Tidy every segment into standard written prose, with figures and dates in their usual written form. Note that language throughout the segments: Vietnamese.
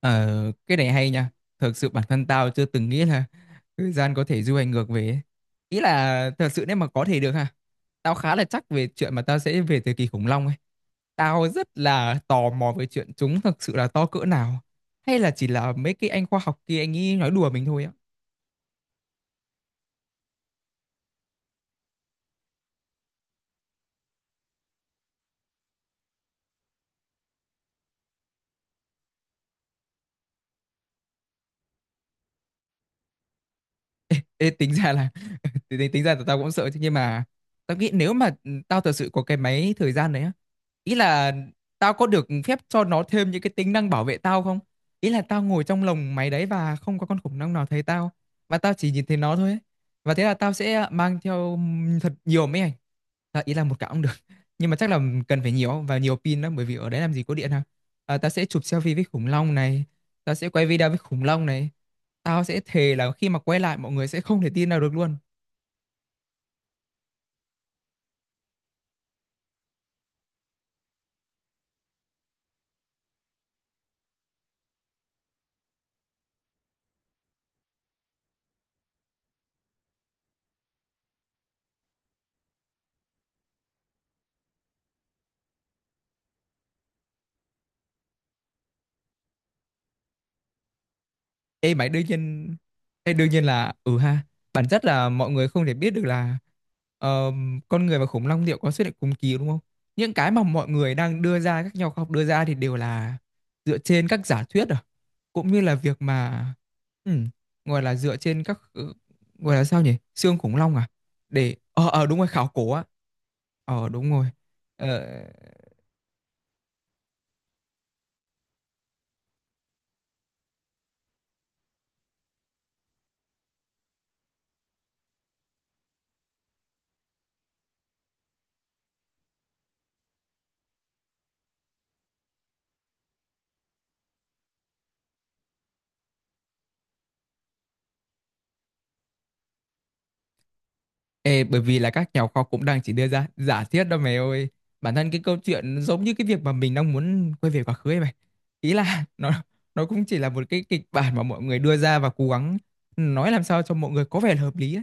Ờ, cái này hay nha. Thật sự bản thân tao chưa từng nghĩ là thời gian có thể du hành ngược về ấy. Ý là thật sự nếu mà có thể được ha. Tao khá là chắc về chuyện mà tao sẽ về thời kỳ khủng long ấy. Tao rất là tò mò về chuyện chúng thật sự là to cỡ nào. Hay là chỉ là mấy cái anh khoa học kia anh ấy nói đùa mình thôi á. Ê, tính ra là tính ra là tao cũng sợ chứ, nhưng mà tao nghĩ nếu mà tao thật sự có cái máy thời gian đấy á, ý là tao có được phép cho nó thêm những cái tính năng bảo vệ tao không, ý là tao ngồi trong lồng máy đấy và không có con khủng long nào thấy tao và tao chỉ nhìn thấy nó thôi ấy. Và thế là tao sẽ mang theo thật nhiều máy ảnh, à, ý là một cặp cũng được nhưng mà chắc là cần phải nhiều và nhiều pin lắm, bởi vì ở đấy làm gì có điện ha. Tao sẽ chụp selfie với khủng long này. Tao sẽ quay video với khủng long này. Tao sẽ thề là khi mà quay lại mọi người sẽ không thể tin nào được luôn. Ê mày đương nhiên Ê, đương nhiên là ừ ha. Bản chất là mọi người không thể biết được là ờ, con người và khủng long liệu có xuất hiện cùng kỳ đúng không? Những cái mà mọi người đang đưa ra, các nhà khoa học đưa ra thì đều là dựa trên các giả thuyết à. Cũng như là việc mà ừ, gọi là dựa trên các gọi là sao nhỉ? Xương khủng long à? Để đúng rồi, khảo cổ á. Ờ đúng rồi. Ờ. Ê, bởi vì là các nhà khoa học cũng đang chỉ đưa ra giả thiết đâu mày ơi. Bản thân cái câu chuyện giống như cái việc mà mình đang muốn quay về quá khứ ấy mày. Ý là nó cũng chỉ là một cái kịch bản mà mọi người đưa ra và cố gắng nói làm sao cho mọi người có vẻ là hợp lý ấy.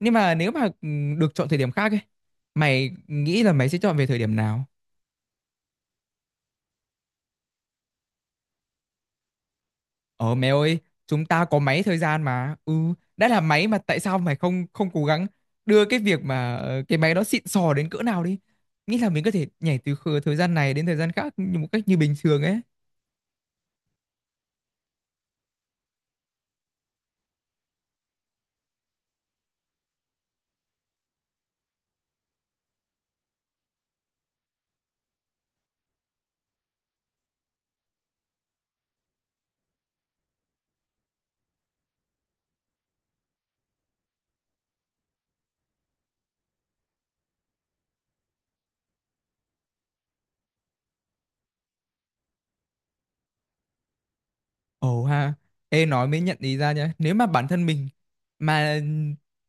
Nhưng mà nếu mà được chọn thời điểm khác ấy, mày nghĩ là mày sẽ chọn về thời điểm nào? Ờ mẹ ơi, chúng ta có máy thời gian mà. Ừ, đã là máy mà tại sao mày không không cố gắng đưa cái việc mà cái máy đó xịn sò đến cỡ nào đi. Nghĩ là mình có thể nhảy từ thời gian này đến thời gian khác như một cách như bình thường ấy. Ồ ha, ê nói mới nhận ý ra nhá. Nếu mà bản thân mình mà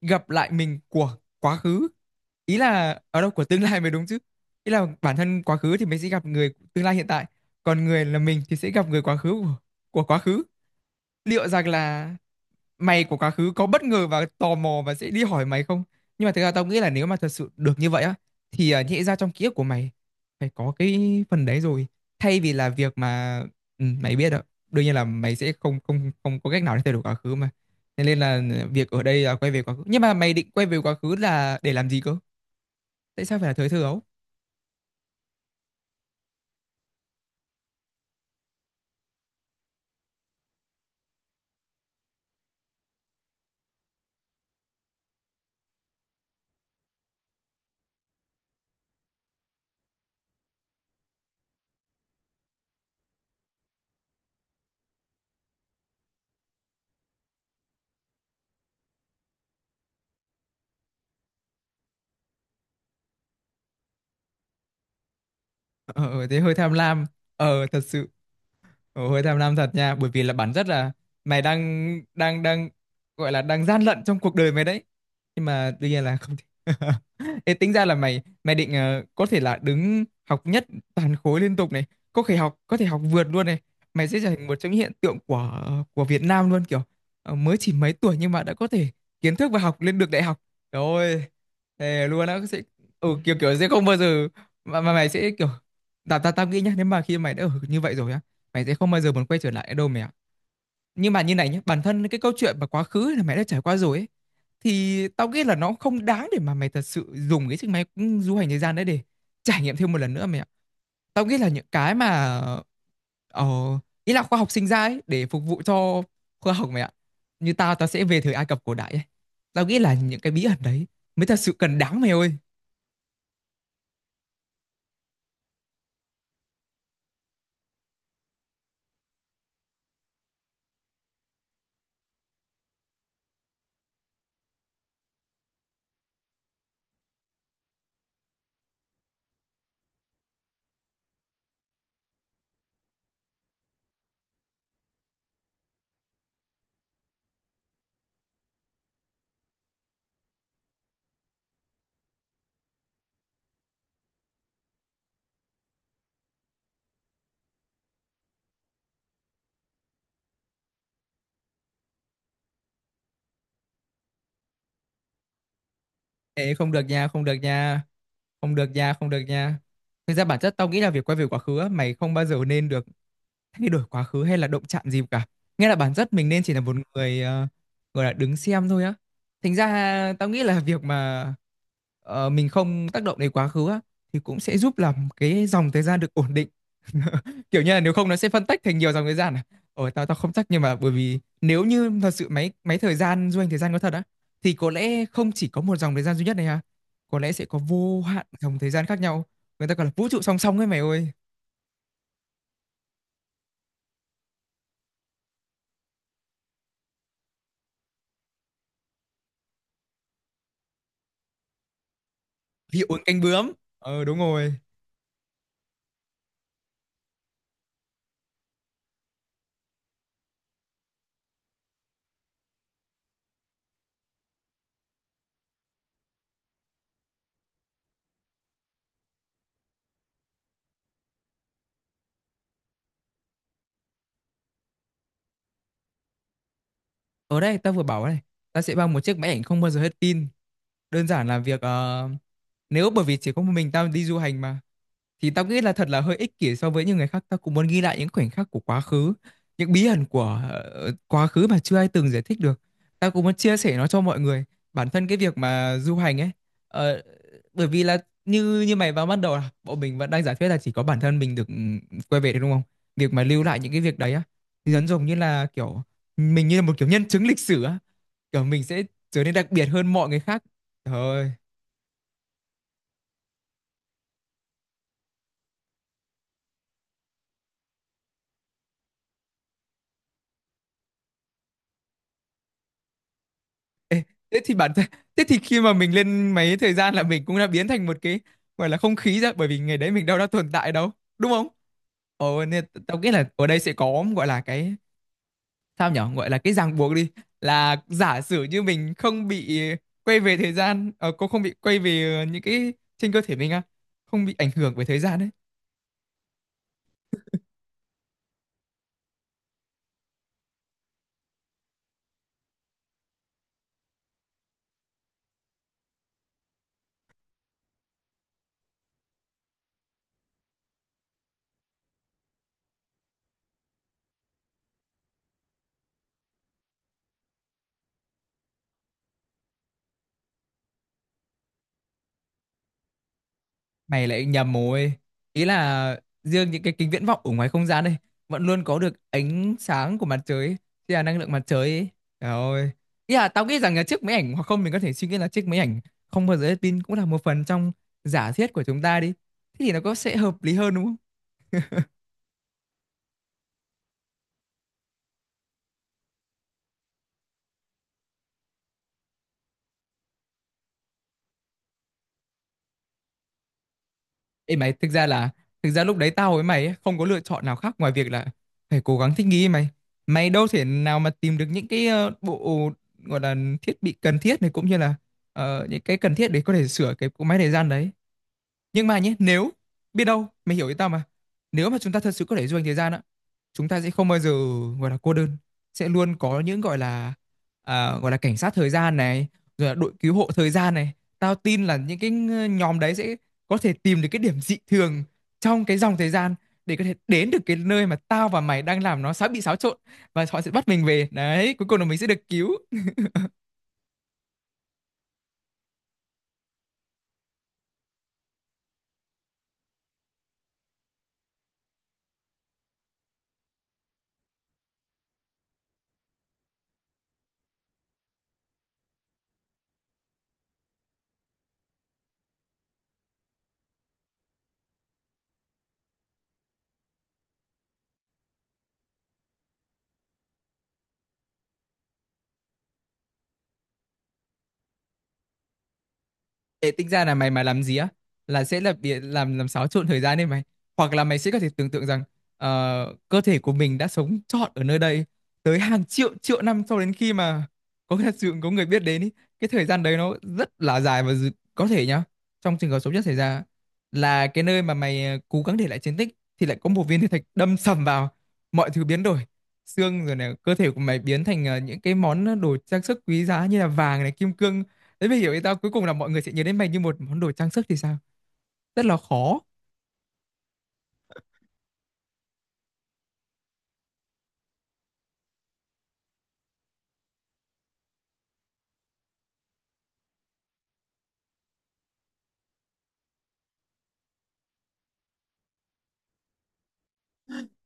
gặp lại mình của quá khứ, ý là ở đâu của tương lai mới đúng chứ. Ý là bản thân quá khứ thì mình sẽ gặp người của tương lai hiện tại, còn người là mình thì sẽ gặp người quá khứ của quá khứ. Liệu rằng là mày của quá khứ có bất ngờ và tò mò và sẽ đi hỏi mày không? Nhưng mà thực ra tao nghĩ là nếu mà thật sự được như vậy á thì à, nhẽ ra trong ký ức của mày phải có cái phần đấy rồi. Thay vì là việc mà mày biết đó, đương nhiên là mày sẽ không không không có cách nào để thay đổi quá khứ mà. Thế nên là việc ở đây là quay về quá khứ. Nhưng mà mày định quay về quá khứ là để làm gì cơ? Tại sao phải là thời thơ ấu? Ờ, ờ, thế hơi tham lam. Ờ, thật sự. Ồ, hơi tham lam thật nha, bởi vì là bản chất là mày đang đang đang gọi là đang gian lận trong cuộc đời mày đấy, nhưng mà tuy nhiên là không thể. Ê, tính ra là mày mày định có thể là đứng học nhất toàn khối liên tục này, có thể học, có thể học vượt luôn này, mày sẽ trở thành một trong những hiện tượng của Việt Nam luôn, kiểu mới chỉ mấy tuổi nhưng mà đã có thể kiến thức và học lên được đại học rồi ơi, thề luôn á, sẽ ừ, kiểu kiểu sẽ không bao giờ mà mày sẽ kiểu tao tao tao nghĩ nhá, nếu mà khi mày đã ở như vậy rồi á, mày sẽ không bao giờ muốn quay trở lại đâu mẹ ạ. Nhưng mà như này nhé, bản thân cái câu chuyện và quá khứ là mày đã trải qua rồi ấy, thì tao nghĩ là nó không đáng để mà mày thật sự dùng cái chiếc máy du hành thời gian đấy để trải nghiệm thêm một lần nữa mẹ ạ. Tao nghĩ là những cái mà ờ, ý là khoa học sinh ra ấy để phục vụ cho khoa học mẹ ạ, như tao, tao sẽ về thời Ai Cập cổ đại ấy, tao nghĩ là những cái bí ẩn đấy mới thật sự cần đáng mày ơi. Ê, không được nha, không được nha, không được nha, không được nha. Thực ra bản chất tao nghĩ là việc quay về quá khứ á, mày không bao giờ nên được thay đổi quá khứ hay là động chạm gì cả. Nghĩa là bản chất mình nên chỉ là một người gọi là đứng xem thôi á. Thành ra tao nghĩ là việc mà mình không tác động đến quá khứ á, thì cũng sẽ giúp làm cái dòng thời gian được ổn định. Kiểu như là nếu không nó sẽ phân tách thành nhiều dòng thời gian à. Ồ, tao tao không chắc, nhưng mà bởi vì nếu như thật sự máy máy thời gian, du hành thời gian có thật á, thì có lẽ không chỉ có một dòng thời gian duy nhất này ha, có lẽ sẽ có vô hạn dòng thời gian khác nhau, người ta gọi là vũ trụ song song ấy mày ơi. Hiệu ứng cánh bướm, ờ đúng rồi. Ở đây tao vừa bảo này, ta sẽ mang một chiếc máy ảnh không bao giờ hết pin. Đơn giản là việc nếu bởi vì chỉ có một mình tao đi du hành mà, thì tao nghĩ là thật là hơi ích kỷ so với những người khác. Tao cũng muốn ghi lại những khoảnh khắc của quá khứ, những bí ẩn của quá khứ mà chưa ai từng giải thích được, tao cũng muốn chia sẻ nó cho mọi người. Bản thân cái việc mà du hành ấy, ờ, bởi vì là như như mày vào ban đầu là bọn mình vẫn đang giả thuyết là chỉ có bản thân mình được ừ, quay về thôi đúng không, việc mà lưu lại những cái việc đấy á, thì dần dần như là kiểu mình như là một kiểu nhân chứng lịch sử á, kiểu mình sẽ trở nên đặc biệt hơn mọi người khác. Trời ơi. Ê, thế thì bản thân, thế thì khi mà mình lên mấy thời gian là mình cũng đã biến thành một cái gọi là không khí ra, bởi vì ngày đấy mình đâu đã tồn tại đâu đúng không. Ồ nên tao nghĩ là ở đây sẽ có gọi là cái sao nhở, gọi là cái ràng buộc đi, là giả sử như mình không bị quay về thời gian, cô không bị quay về những cái trên cơ thể mình á, không bị ảnh hưởng bởi thời gian ấy. Mày lại nhầm rồi. Ý là riêng những cái kính viễn vọng ở ngoài không gian đây vẫn luôn có được ánh sáng của mặt trời ấy, tức là năng lượng mặt trời ấy. Trời ơi. Ý là tao nghĩ rằng là chiếc máy ảnh, hoặc không, mình có thể suy nghĩ là chiếc máy ảnh không bao giờ hết pin cũng là một phần trong giả thiết của chúng ta đi. Thế thì nó có sẽ hợp lý hơn đúng không? Ê mày, thực ra là, thực ra lúc đấy tao với mày ấy, không có lựa chọn nào khác ngoài việc là phải cố gắng thích nghi mày. Mày đâu thể nào mà tìm được những cái bộ gọi là thiết bị cần thiết này, cũng như là những cái cần thiết để có thể sửa cái cỗ máy thời gian đấy. Nhưng mà nhé, nếu biết đâu, mày hiểu ý tao mà. Nếu mà chúng ta thật sự có thể du hành thời gian á, chúng ta sẽ không bao giờ gọi là cô đơn, sẽ luôn có những gọi là gọi là cảnh sát thời gian này, rồi là đội cứu hộ thời gian này. Tao tin là những cái nhóm đấy sẽ có thể tìm được cái điểm dị thường trong cái dòng thời gian để có thể đến được cái nơi mà tao và mày đang làm nó sắp bị xáo trộn, và họ sẽ bắt mình về. Đấy, cuối cùng là mình sẽ được cứu. Ê, tính ra là mày mà làm gì á là sẽ là bị làm xáo trộn thời gian đấy mày, hoặc là mày sẽ có thể tưởng tượng rằng cơ thể của mình đã sống trọn ở nơi đây tới hàng triệu triệu năm cho đến khi mà có thật sự có người biết đến ý. Cái thời gian đấy nó rất là dài và có thể nhá, trong trường hợp xấu nhất xảy ra là cái nơi mà mày cố gắng để lại chiến tích thì lại có một viên thiên thạch đâm sầm vào, mọi thứ biến đổi, xương rồi này, cơ thể của mày biến thành những cái món đồ trang sức quý giá như là vàng này, kim cương. Thế mới hiểu ý tao, cuối cùng là mọi người sẽ nhớ đến mày như một món đồ trang sức thì sao? Rất là khó.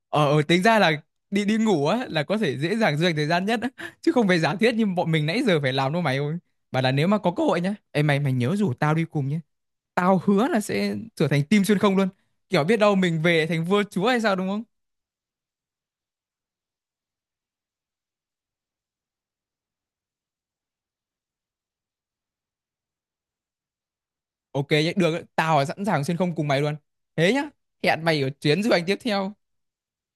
Ờ, tính ra là đi đi ngủ á là có thể dễ dàng dành thời gian nhất á, chứ không phải giả thiết như bọn mình nãy giờ phải làm đâu mày ơi. Bảo là nếu mà có cơ hội nhá, ê mày, mày nhớ rủ tao đi cùng nhé. Tao hứa là sẽ trở thành team xuyên không luôn. Kiểu biết đâu mình về thành vua chúa hay sao đúng không? Ok nhé, được, ấy, tao sẵn sàng xuyên không cùng mày luôn. Thế nhá, hẹn mày ở chuyến du hành tiếp theo.